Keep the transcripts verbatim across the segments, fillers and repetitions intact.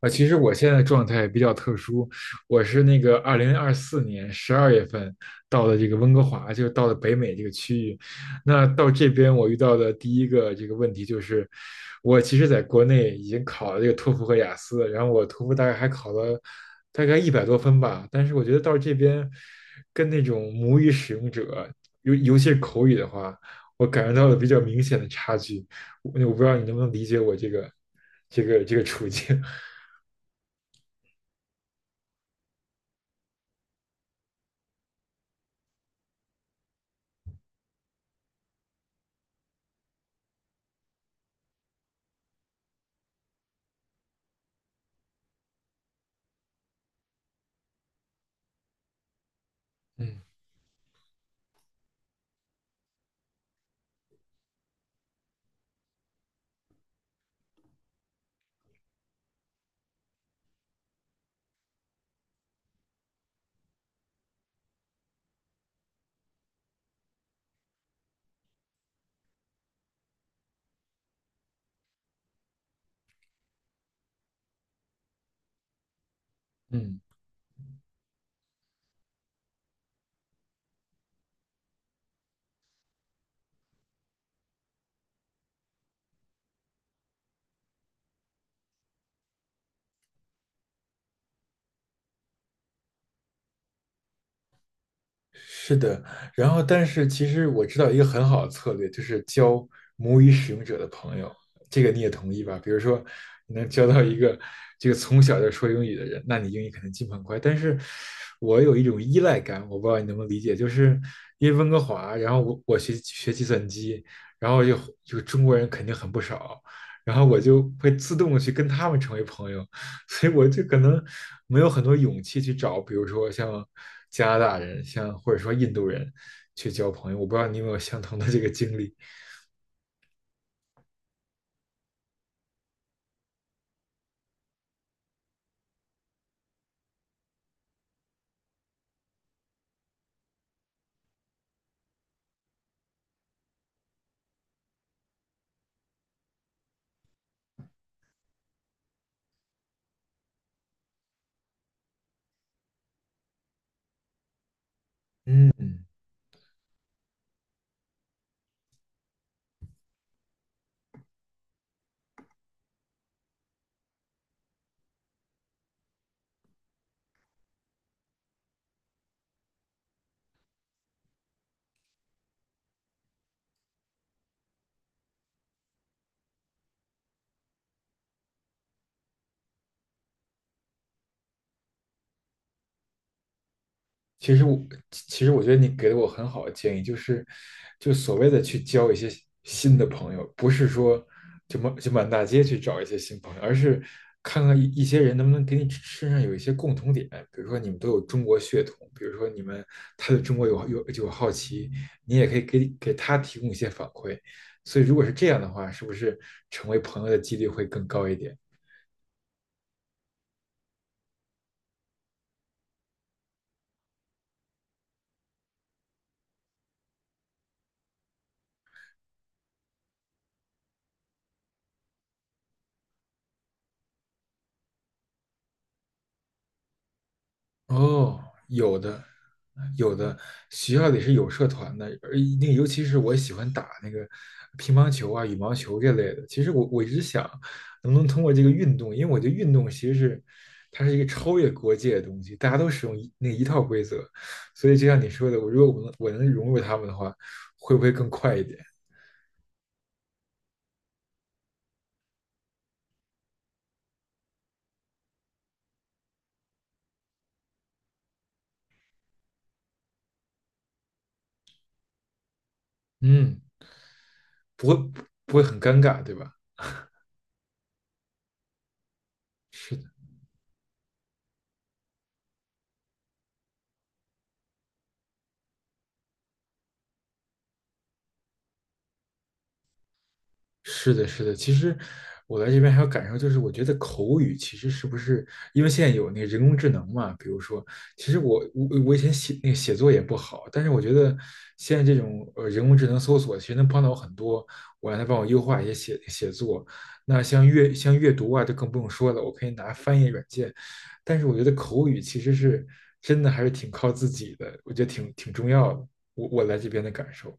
啊，其实我现在状态比较特殊，我是那个二零二四年十二月份到的这个温哥华，就到了北美这个区域。那到这边我遇到的第一个这个问题就是，我其实在国内已经考了这个托福和雅思，然后我托福大概还考了大概一百多分吧，但是我觉得到这边跟那种母语使用者，尤尤其是口语的话，我感觉到了比较明显的差距。我我不知道你能不能理解我这个这个这个处境。嗯嗯，是的。然后，但是其实我知道一个很好的策略，就是交母语使用者的朋友，这个你也同意吧？比如说，你能交到一个这个从小就说英语的人，那你英语肯定进步很快。但是我有一种依赖感，我不知道你能不能理解，就是因为温哥华，然后我我学学计算机，然后就就中国人肯定很不少，然后我就会自动的去跟他们成为朋友，所以我就可能没有很多勇气去找，比如说像加拿大人，像或者说印度人去交朋友。我不知道你有没有相同的这个经历。嗯，其实我其实我觉得你给了我很好的建议，就是就所谓的去交一些新的朋友，不是说就满就满大街去找一些新朋友，而是看看一一些人能不能给你身上有一些共同点，比如说你们都有中国血统，比如说你们他对中国有有有好奇，你也可以给给他提供一些反馈。所以如果是这样的话，是不是成为朋友的几率会更高一点？哦，有的，有的，学校里是有社团的，而那个尤其是我喜欢打那个乒乓球啊、羽毛球这类的。其实我我一直想，能不能通过这个运动，因为我觉得运动其实是它是一个超越国界的东西，大家都使用一那一套规则，所以就像你说的，我如果我能我能融入他们的话，会不会更快一点？嗯，不会不会很尴尬，对吧？是。是的，是的。其实我来这边还有感受，就是我觉得口语其实是不是因为现在有那个人工智能嘛？比如说，其实我我我以前写那个写作也不好，但是我觉得现在这种呃人工智能搜索其实能帮到我很多，我让它帮我优化一些写写作。那像阅像阅读啊，就更不用说了，我可以拿翻译软件。但是我觉得口语其实是真的还是挺靠自己的，我觉得挺挺重要的。我我来这边的感受。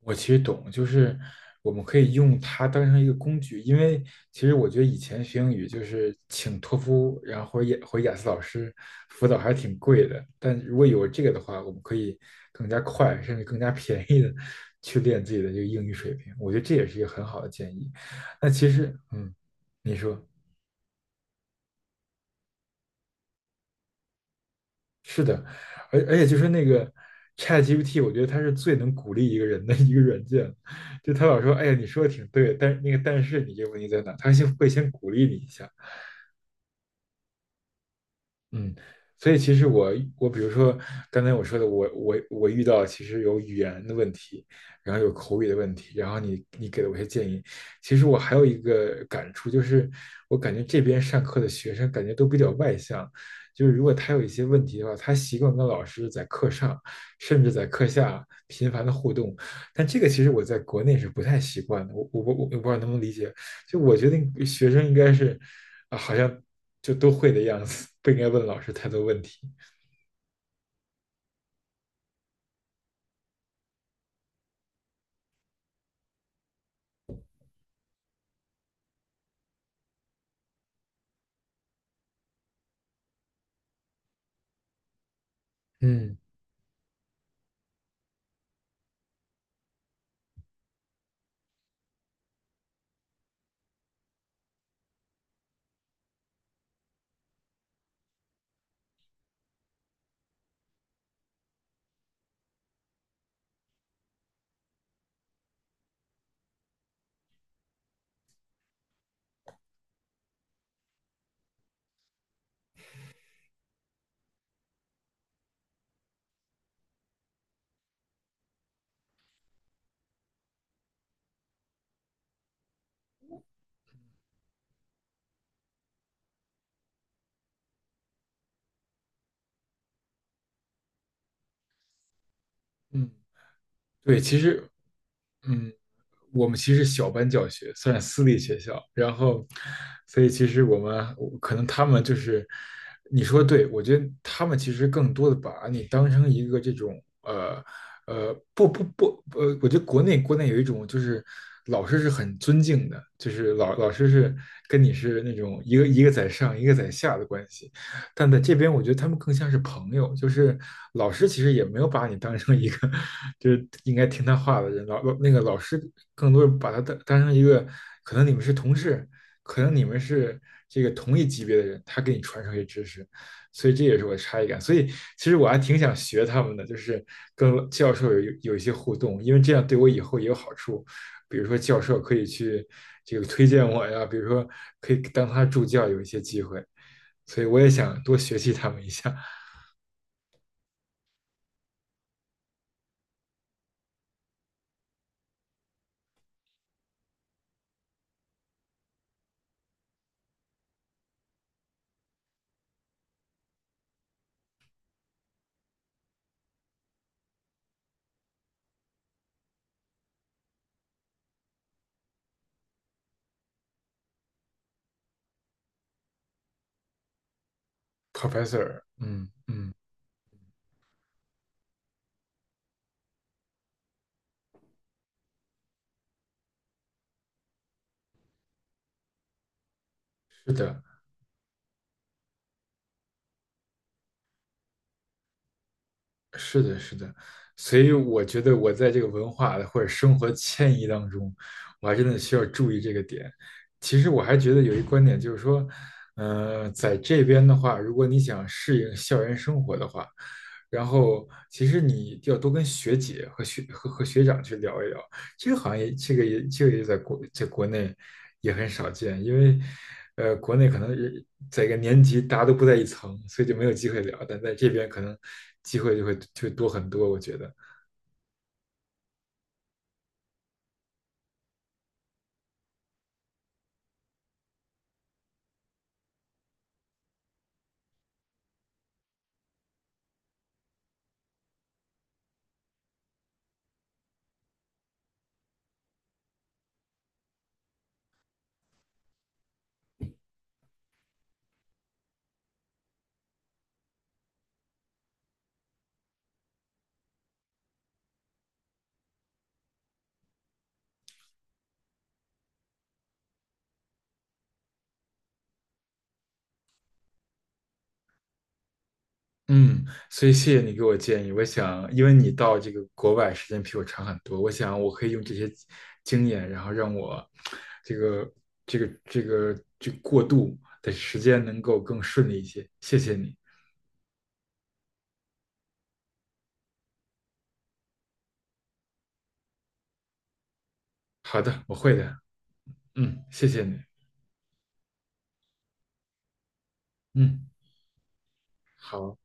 我其实懂，就是我们可以用它当成一个工具，因为其实我觉得以前学英语就是请托福，然后或者雅或者雅思老师辅导还是挺贵的，但如果有这个的话，我们可以更加快，甚至更加便宜的去练自己的这个英语水平，我觉得这也是一个很好的建议。那其实，嗯，你说。是的，而而且就是那个 ChatGPT，我觉得它是最能鼓励一个人的一个软件。就他老说，哎呀，你说的挺对，但是那个但是你这个问题在哪？他先会先鼓励你一下，嗯，所以其实我我比如说刚才我说的，我我我遇到其实有语言的问题，然后有口语的问题，然后你你给了我一些建议，其实我还有一个感触，就是我感觉这边上课的学生感觉都比较外向，就是如果他有一些问题的话，他习惯跟老师在课上甚至在课下频繁的互动，但这个其实我在国内是不太习惯的，我我我我不知道能不能理解，就我觉得学生应该是啊，好像就都会的样子，不应该问老师太多问题。嗯。嗯，对，其实，嗯，我们其实小班教学，算是私立学校，然后，所以其实我们可能他们就是，你说对，我觉得他们其实更多的把你当成一个这种呃呃不不不呃，我觉得国内国内有一种就是老师是很尊敬的，就是老老师是跟你是那种一个一个在上一个在下的关系，但在这边，我觉得他们更像是朋友，就是老师其实也没有把你当成一个就是应该听他话的人，老老那个老师更多是把他当当成一个，可能你们是同事，可能你们是这个同一级别的人，他给你传授一些知识，所以这也是我的差异感。所以其实我还挺想学他们的，就是跟教授有有一些互动，因为这样对我以后也有好处。比如说教授可以去这个推荐我呀，比如说可以当他助教有一些机会。所以我也想多学习他们一下，Professor。嗯嗯，是的，是的，是的。所以我觉得我在这个文化的或者生活迁移当中，我还真的需要注意这个点。其实我还觉得有一观点就是说，呃，在这边的话，如果你想适应校园生活的话，然后其实你要多跟学姐和学和和学长去聊一聊，这个好像也这个也这个也在国在国内也很少见，因为呃国内可能人在一个年级大家都不在一层，所以就没有机会聊，但在这边可能机会就会就会多很多，我觉得。嗯，所以谢谢你给我建议。我想，因为你到这个国外时间比我长很多，我想我可以用这些经验，然后让我这个这个这个这个过渡的时间能够更顺利一些。谢谢你。好的，我会的。嗯，谢谢你。嗯，好。